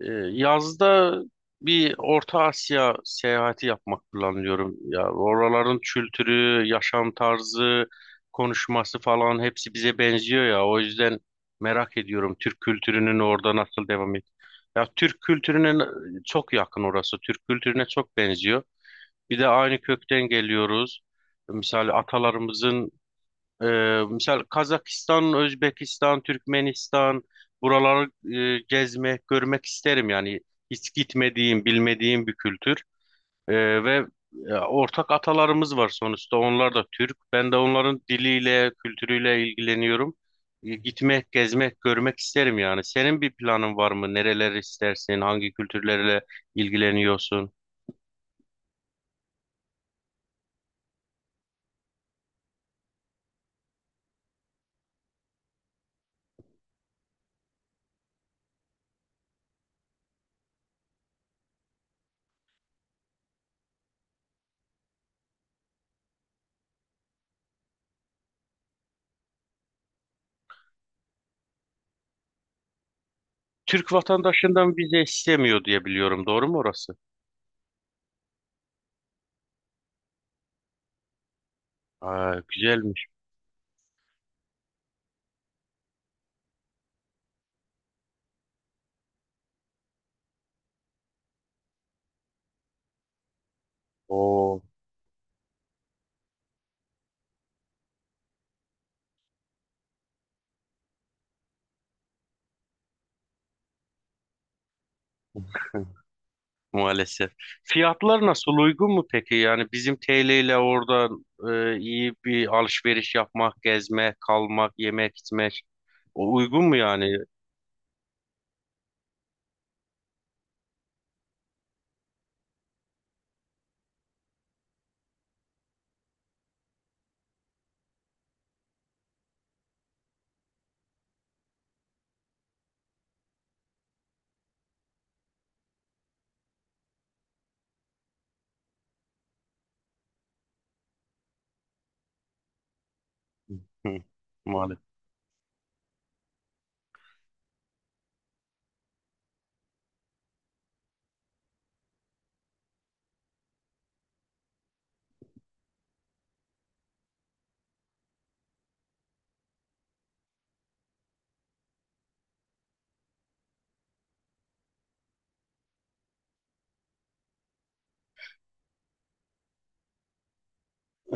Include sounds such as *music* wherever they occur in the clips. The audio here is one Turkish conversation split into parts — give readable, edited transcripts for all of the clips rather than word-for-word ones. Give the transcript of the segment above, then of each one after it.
Yazda bir Orta Asya seyahati yapmak planlıyorum. Ya oraların kültürü, yaşam tarzı, konuşması falan hepsi bize benziyor ya. O yüzden merak ediyorum Türk kültürünün orada nasıl devam et. Ya çok yakın orası. Türk kültürüne çok benziyor. Bir de aynı kökten geliyoruz. Misal atalarımızın misal Kazakistan, Özbekistan, Türkmenistan buraları gezmek, görmek isterim yani hiç gitmediğim, bilmediğim bir kültür. Ee, ve ortak atalarımız var sonuçta onlar da Türk. Ben de onların diliyle, kültürüyle ilgileniyorum. Gitmek, gezmek, görmek isterim yani. Senin bir planın var mı? Nereler istersin? Hangi kültürlerle ilgileniyorsun? Türk vatandaşından vize istemiyor diye biliyorum. Doğru mu orası? Aa, güzelmiş. Oo. *laughs* Maalesef. Fiyatlar nasıl uygun mu peki? Yani bizim TL ile orada iyi bir alışveriş yapmak, gezmek, kalmak, yemek, içmek o uygun mu yani? Hı. Maalesef.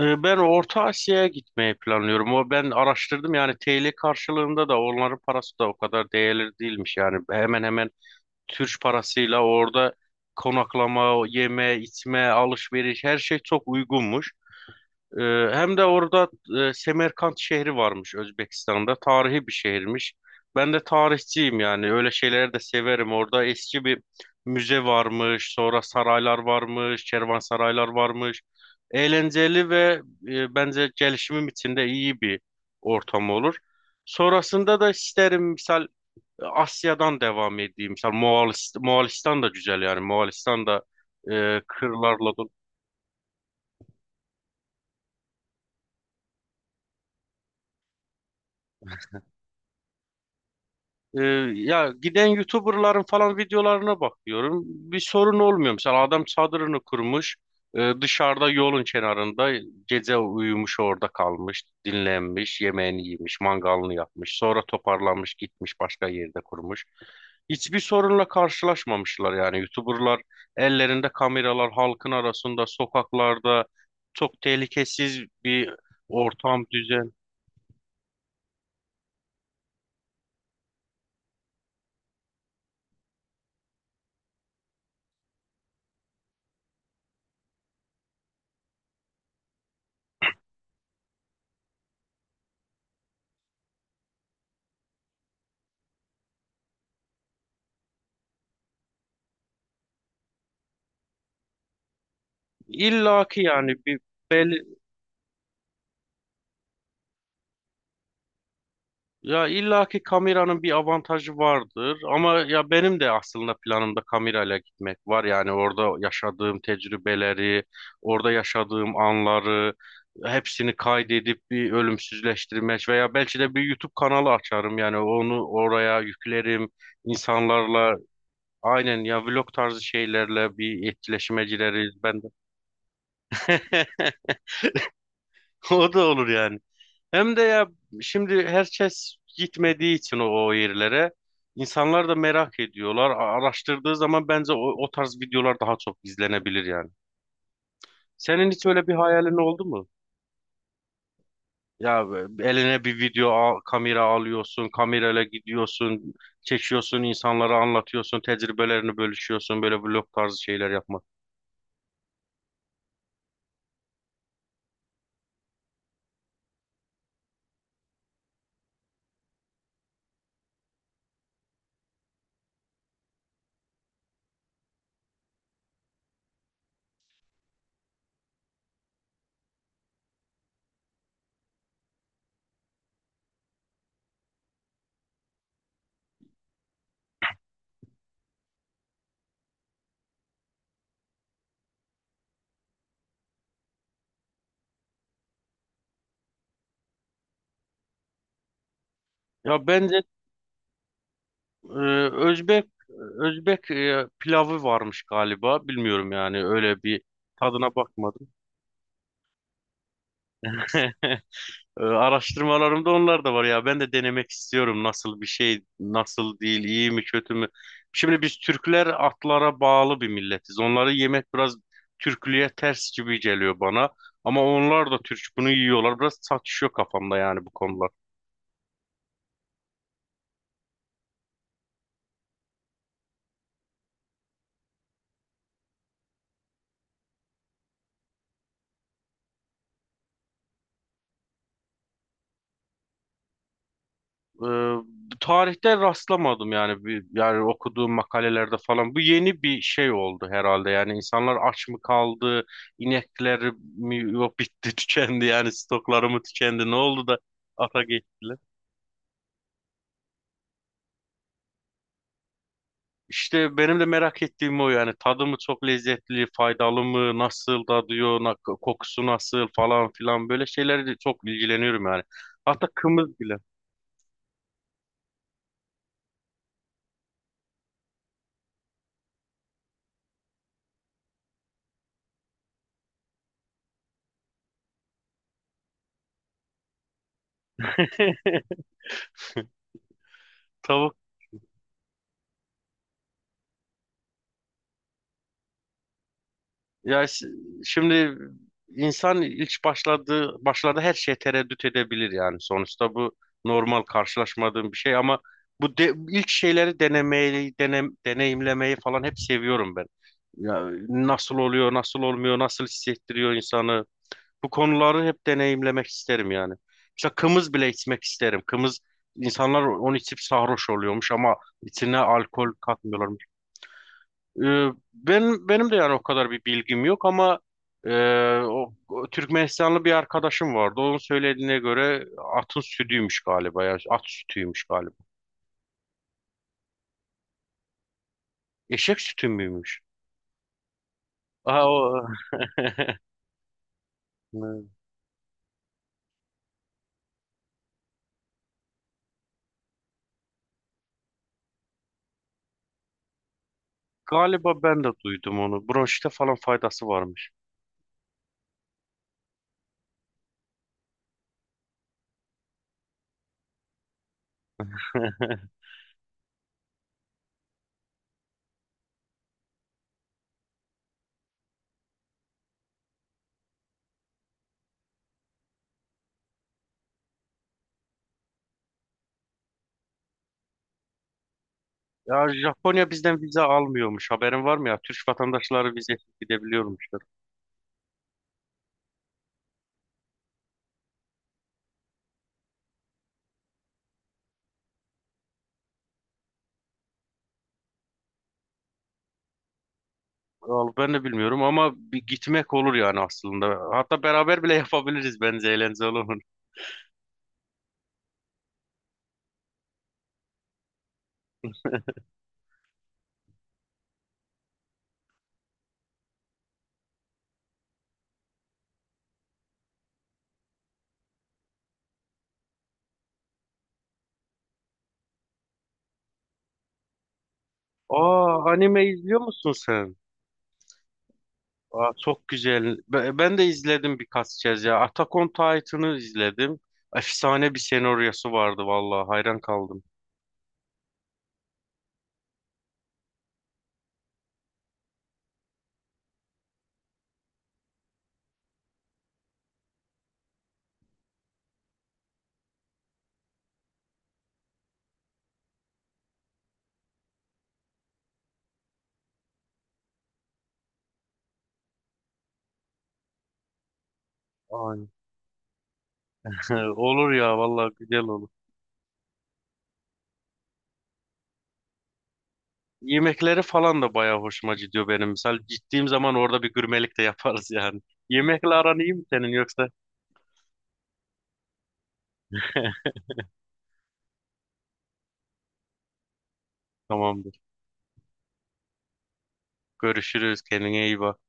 Ben Orta Asya'ya gitmeyi planlıyorum. O ben araştırdım yani TL karşılığında da onların parası da o kadar değerli değilmiş yani. Hemen hemen Türk parasıyla orada konaklama, yeme, içme, alışveriş her şey çok uygunmuş. Hem de orada Semerkant şehri varmış Özbekistan'da. Tarihi bir şehirmiş. Ben de tarihçiyim yani. Öyle şeyleri de severim. Orada eski bir müze varmış. Sonra saraylar varmış. Kervansaraylar varmış. Eğlenceli ve bence gelişimim için de iyi bir ortam olur. Sonrasında da isterim misal Asya'dan devam edeyim. Misal Moğolistan da güzel yani. Moğolistan da kırlarla dolu. Ee, ya giden YouTuber'ların falan videolarına bakıyorum. Bir sorun olmuyor. Mesela adam çadırını kurmuş. Dışarıda yolun kenarında gece uyumuş orada kalmış. Dinlenmiş, yemeğini yemiş, mangalını yapmış. Sonra toparlanmış gitmiş başka yerde kurmuş. Hiçbir sorunla karşılaşmamışlar yani. YouTuber'lar ellerinde kameralar halkın arasında sokaklarda çok tehlikesiz bir ortam düzen. İlla ki yani bir belli Ya illaki kameranın bir avantajı vardır ama ya benim de aslında planımda kamerayla gitmek var. Yani orada yaşadığım tecrübeleri, orada yaşadığım anları hepsini kaydedip bir ölümsüzleştirmek veya belki de bir YouTube kanalı açarım. Yani onu oraya yüklerim. İnsanlarla aynen ya vlog tarzı şeylerle bir etkileşime gireriz. Ben de. *laughs* O da olur yani. Hem de ya şimdi herkes gitmediği için o yerlere insanlar da merak ediyorlar. Araştırdığı zaman bence o tarz videolar daha çok izlenebilir yani. Senin hiç öyle bir hayalin oldu mu? Ya eline bir kamera alıyorsun, kamerayla gidiyorsun, çekiyorsun, insanlara anlatıyorsun, tecrübelerini bölüşüyorsun, böyle vlog tarzı şeyler yapmak. Ya bence e, Özbek Özbek pilavı varmış galiba, bilmiyorum yani öyle bir tadına bakmadım. *laughs* Araştırmalarımda onlar da var ya. Ben de denemek istiyorum nasıl bir şey, nasıl değil, iyi mi, kötü mü? Şimdi biz Türkler atlara bağlı bir milletiz. Onları yemek biraz Türklüğe ters gibi geliyor bana. Ama onlar da Türk bunu yiyorlar. Biraz çatışıyor kafamda yani bu konular. Ee, Tarihte rastlamadım yani bir, yani okuduğum makalelerde falan bu yeni bir şey oldu herhalde yani insanlar aç mı kaldı inekleri mi yok bitti *laughs* tükendi yani stokları mı tükendi ne oldu da ata geçtiler. İşte benim de merak ettiğim o yani tadı mı çok lezzetli faydalı mı nasıl tadıyor kokusu nasıl falan filan böyle şeylerle çok ilgileniyorum yani, hatta kımız bile. *laughs* Tavuk. Ya s- şimdi insan ilk başladığı başlarda her şeye tereddüt edebilir yani sonuçta bu normal karşılaşmadığım bir şey ama ilk şeyleri deneyimlemeyi falan hep seviyorum ben. Ya nasıl oluyor, nasıl olmuyor, nasıl hissettiriyor insanı. Bu konuları hep deneyimlemek isterim yani. Mesela kımız bile içmek isterim. Kımız insanlar onu içip sarhoş oluyormuş ama içine alkol katmıyorlar. Ee, Benim de yani o kadar bir bilgim yok ama e, o Türkmenistanlı bir arkadaşım vardı. Onun söylediğine göre atın sütüymüş galiba ya. At sütüymüş galiba. Eşek sütü müymüş? Aa, o... *laughs* Evet. Galiba ben de duydum onu. Bronşite falan faydası varmış. *laughs* Ya Japonya bizden vize almıyormuş. Haberin var mı ya? Türk vatandaşları vizesiz gidebiliyormuşlar. Al, ben de bilmiyorum ama bir gitmek olur yani aslında. Hatta beraber bile yapabiliriz bence eğlenceli olur. Aa, anime izliyor musun sen? Aa, çok güzel. Ben de izledim birkaç kez ya. Attack on Titan'ı izledim. Efsane bir senaryosu vardı vallahi hayran kaldım. Ay. *laughs* Olur ya vallahi güzel olur. Yemekleri falan da bayağı hoşuma gidiyor benim. Misal gittiğim zaman orada bir gurmelik de yaparız yani. Yemekle aran iyi mi senin yoksa? *laughs* Tamamdır. Görüşürüz. Kendine iyi bak.